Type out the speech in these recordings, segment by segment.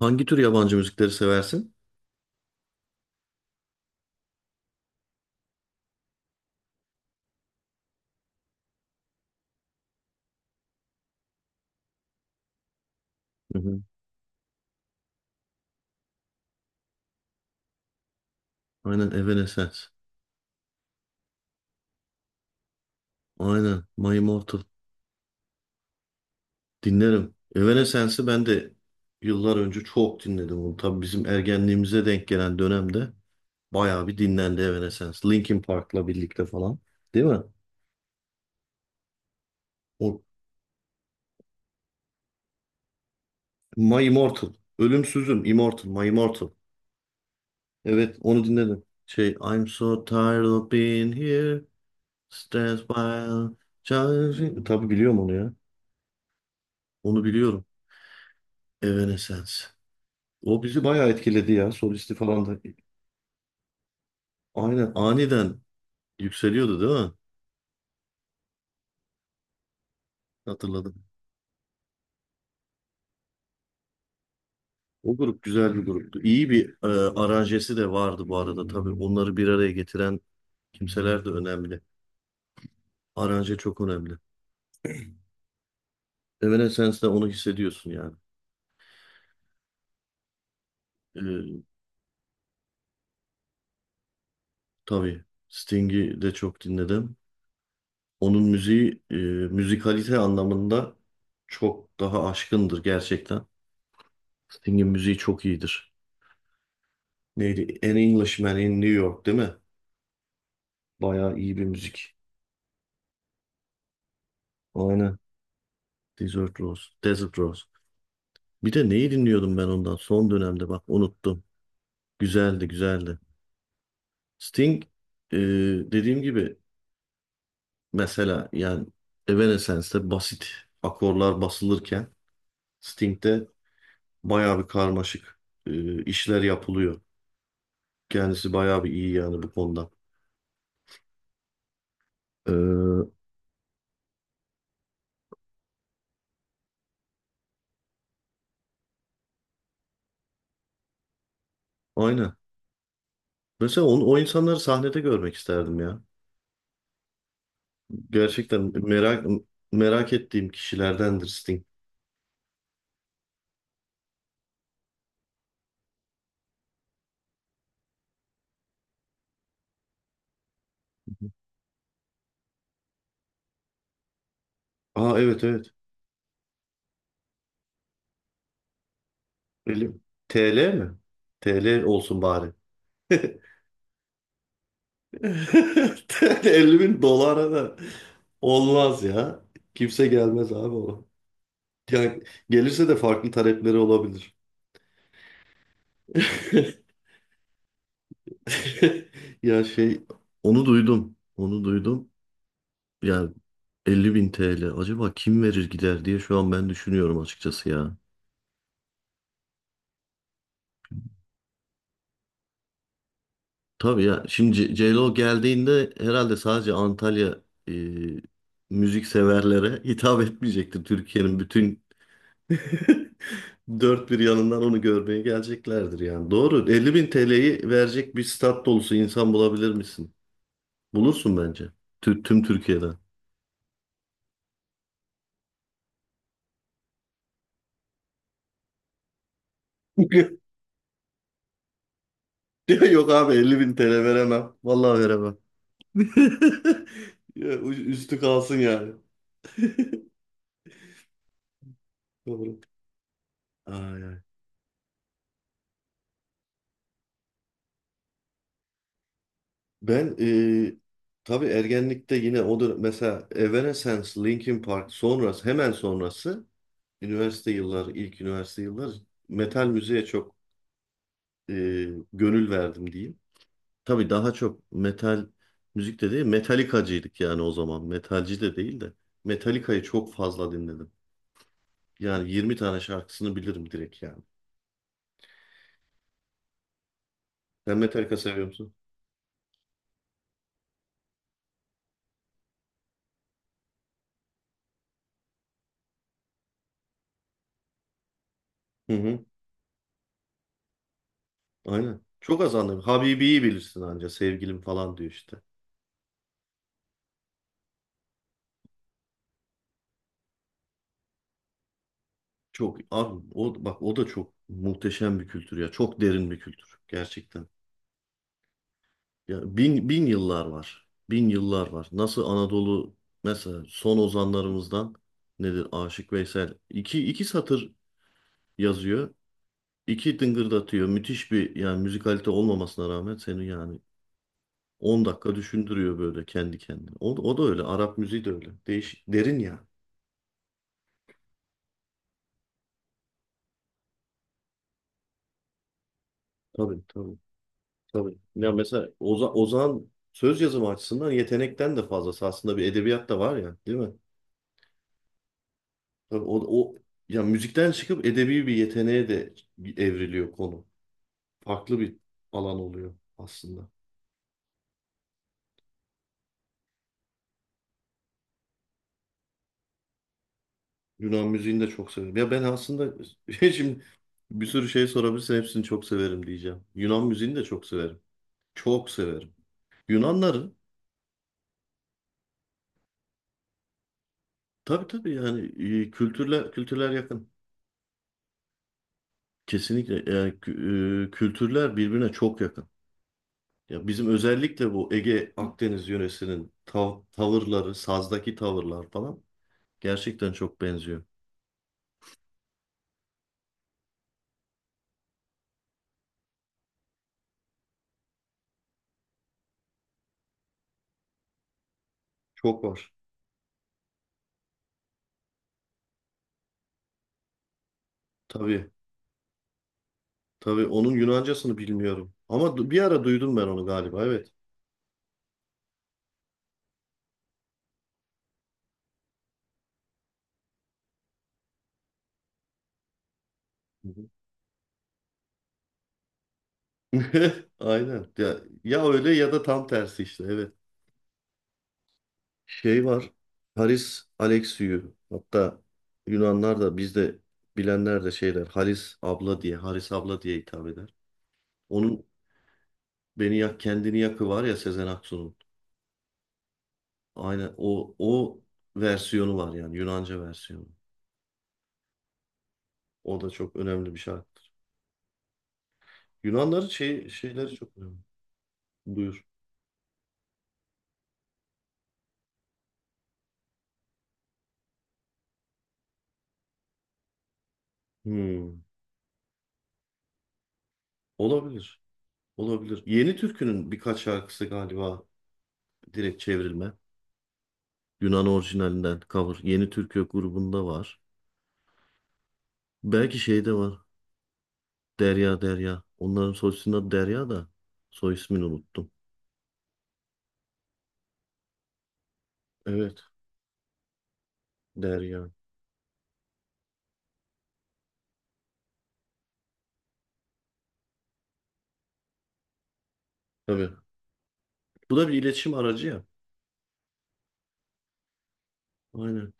Hangi tür yabancı müzikleri seversin? Hı hı. Aynen Evanescence. Aynen My Immortal. Dinlerim. Evanescence'ı ben de yıllar önce çok dinledim onu. Tabii bizim ergenliğimize denk gelen dönemde bayağı bir dinlendi Evanescence. Linkin Park'la birlikte falan. Değil mi? O My Immortal. Ölümsüzüm. Immortal. My Immortal. Evet onu dinledim. Şey I'm so tired of being here. Stands by. Tabii biliyorum onu ya. Onu biliyorum. Evanescence. O bizi bayağı etkiledi ya. Solisti falan da. Aynen aniden yükseliyordu değil mi? Hatırladım. O grup güzel bir gruptu. İyi bir aranjesi de vardı bu arada tabii. Onları bir araya getiren kimseler de önemli. Aranje çok önemli. Evanescence'de onu hissediyorsun yani. E, tabii Sting'i de çok dinledim. Onun müziği müzikalite anlamında çok daha aşkındır gerçekten. Sting'in müziği çok iyidir. Neydi? An Englishman in New York değil mi? Bayağı iyi bir müzik. Aynen. Desert Rose. Desert Rose. Bir de neyi dinliyordum ben ondan son dönemde bak unuttum. Güzeldi güzeldi. Sting e, dediğim gibi mesela yani Evanescence'de basit akorlar basılırken Sting'de bayağı bir karmaşık işler yapılıyor. Kendisi bayağı bir iyi yani bu konuda. E, aynen. Mesela onu, o insanları sahnede görmek isterdim ya. Gerçekten merak ettiğim kişilerdendir Sting. Aa, evet, evet. Öyle. TL mi? TL olsun bari. TL 50 bin dolara da olmaz ya. Kimse gelmez abi ona. Yani gelirse de farklı talepleri olabilir. Ya şey onu duydum. Onu duydum. Yani 50 bin TL. Acaba kim verir gider diye şu an ben düşünüyorum açıkçası ya. Tabii ya. Şimdi Ceylo geldiğinde herhalde sadece Antalya e, müzik severlere hitap etmeyecektir. Türkiye'nin bütün dört bir yanından onu görmeye geleceklerdir yani. Doğru. 50.000 TL'yi verecek bir stat dolusu insan bulabilir misin? Bulursun bence. Tüm Türkiye'den. Diyor, Yok abi 50.000 TL veremem. Vallahi veremem. Ya, Üstü kalsın yani. Doğru. Ay, ay. Ben tabii ergenlikte yine o dönem mesela Evanescence, Linkin Park sonrası hemen sonrası üniversite yılları ilk üniversite yılları metal müziğe çok e, gönül verdim diyeyim. Tabii daha çok metal müzik de değil metalikacıydık yani o zaman metalci de değil de Metallica'yı çok fazla dinledim. Yani 20 tane şarkısını bilirim direkt yani. Sen Metallica seviyor musun? Hı hı. Aynen. Çok az anladım. Habibi'yi bilirsin anca sevgilim falan diyor işte. Çok abi o bak o da çok muhteşem bir kültür ya. Çok derin bir kültür gerçekten. Ya bin bin yıllar var. Bin yıllar var. Nasıl Anadolu mesela son ozanlarımızdan nedir Aşık Veysel iki iki satır yazıyor. İki dıngırdatıyor. Müthiş bir yani müzikalite olmamasına rağmen seni yani 10 dakika düşündürüyor böyle kendi kendine. O, o da öyle. Arap müziği de öyle. Değişik. Derin ya. Tabii tabii. Tabii. Ya mesela Ozan söz yazımı açısından yetenekten de fazlası aslında bir edebiyat da var ya, değil mi? Tabii o ya müzikten çıkıp edebi bir yeteneğe de evriliyor konu. Farklı bir alan oluyor aslında. Yunan müziğini de çok severim. Ya ben aslında şimdi bir sürü şey sorabilirsin hepsini çok severim diyeceğim. Yunan müziğini de çok severim. Çok severim. Yunanların tabii tabii yani kültürler kültürler yakın. Kesinlikle yani kültürler birbirine çok yakın. Ya bizim özellikle bu Ege Akdeniz yöresinin tavırları, sazdaki tavırlar falan gerçekten çok benziyor. Çok var. Tabii, tabii onun Yunancasını bilmiyorum. Ama bir ara duydum ben onu galiba, evet. Hı hı. Aynen. Ya, ya öyle ya da tam tersi işte, evet. Şey var, Haris Alexiou. Hatta Yunanlar da bizde bilenler de şeyler, Haris abla diye, Haris abla diye hitap eder. Onun Beni Yak Kendini Yakı var ya Sezen Aksu'nun. Aynen o versiyonu var yani Yunanca versiyonu. O da çok önemli bir şarkıdır. Yunanların şey şeyleri çok önemli. Buyur. Hmm. Olabilir. Olabilir. Yeni Türkü'nün birkaç şarkısı galiba direkt çevrilme. Yunan orijinalinden cover. Yeni Türkü grubunda var. Belki şeyde var. Derya Derya. Onların soy isminin adı Derya da soy ismini unuttum. Evet. Derya. Tabii. Bu da bir iletişim aracı ya. Aynen.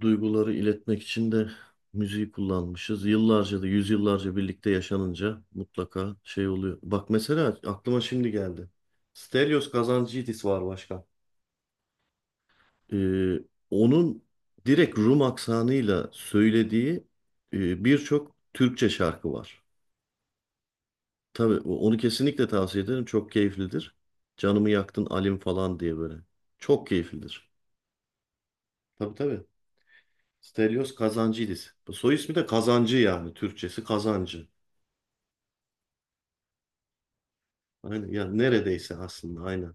Duyguları iletmek için de müziği kullanmışız. Yıllarca da yüzyıllarca birlikte yaşanınca mutlaka şey oluyor. Bak mesela aklıma şimdi geldi. Stelios Kazantzidis var başkan. Ee, onun direkt Rum aksanıyla söylediği birçok Türkçe şarkı var. Tabii onu kesinlikle tavsiye ederim. Çok keyiflidir. Canımı yaktın Alim falan diye böyle. Çok keyiflidir. Tabii tabii. Stelios Kazancıydis. Bu soy ismi de Kazancı yani. Türkçesi Kazancı. Aynen. Yani neredeyse aslında aynen.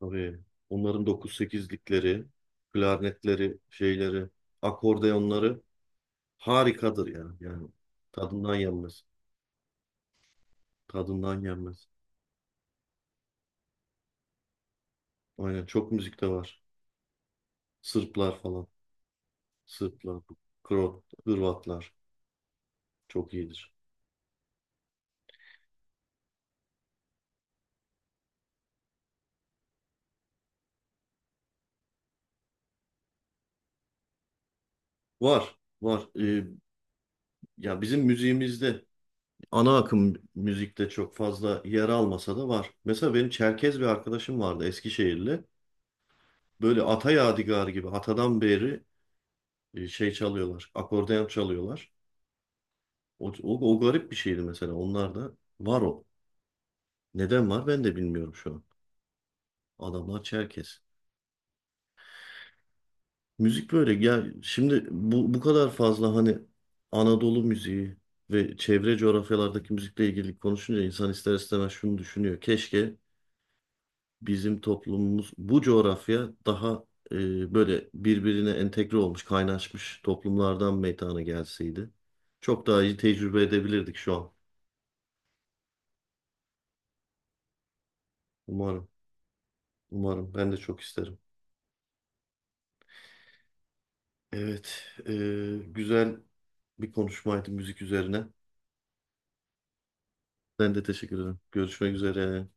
Tabii. Onların dokuz sekizlikleri, klarnetleri, şeyleri, akordeonları harikadır yani. Yani tadından yenmez. Tadından yenmez. Aynen çok müzik de var. Sırplar falan. Sırplar, Hırvatlar çok iyidir. Var, var. Ya bizim müziğimizde ana akım müzikte çok fazla yer almasa da var. Mesela benim Çerkez bir arkadaşım vardı Eskişehirli. Böyle ata yadigarı gibi atadan beri şey çalıyorlar. Akordeon çalıyorlar. O garip bir şeydi mesela. Onlar da var o. Neden var ben de bilmiyorum şu an. Adamlar Çerkez. Müzik böyle ya şimdi bu kadar fazla hani Anadolu müziği ve çevre coğrafyalardaki müzikle ilgili konuşunca insan ister istemez şunu düşünüyor. Keşke bizim toplumumuz bu coğrafya daha böyle birbirine entegre olmuş, kaynaşmış toplumlardan meydana gelseydi çok daha iyi tecrübe edebilirdik şu an. Umarım, umarım. Ben de çok isterim. Evet, güzel bir konuşmaydı müzik üzerine. Ben de teşekkür ederim. Görüşmek üzere.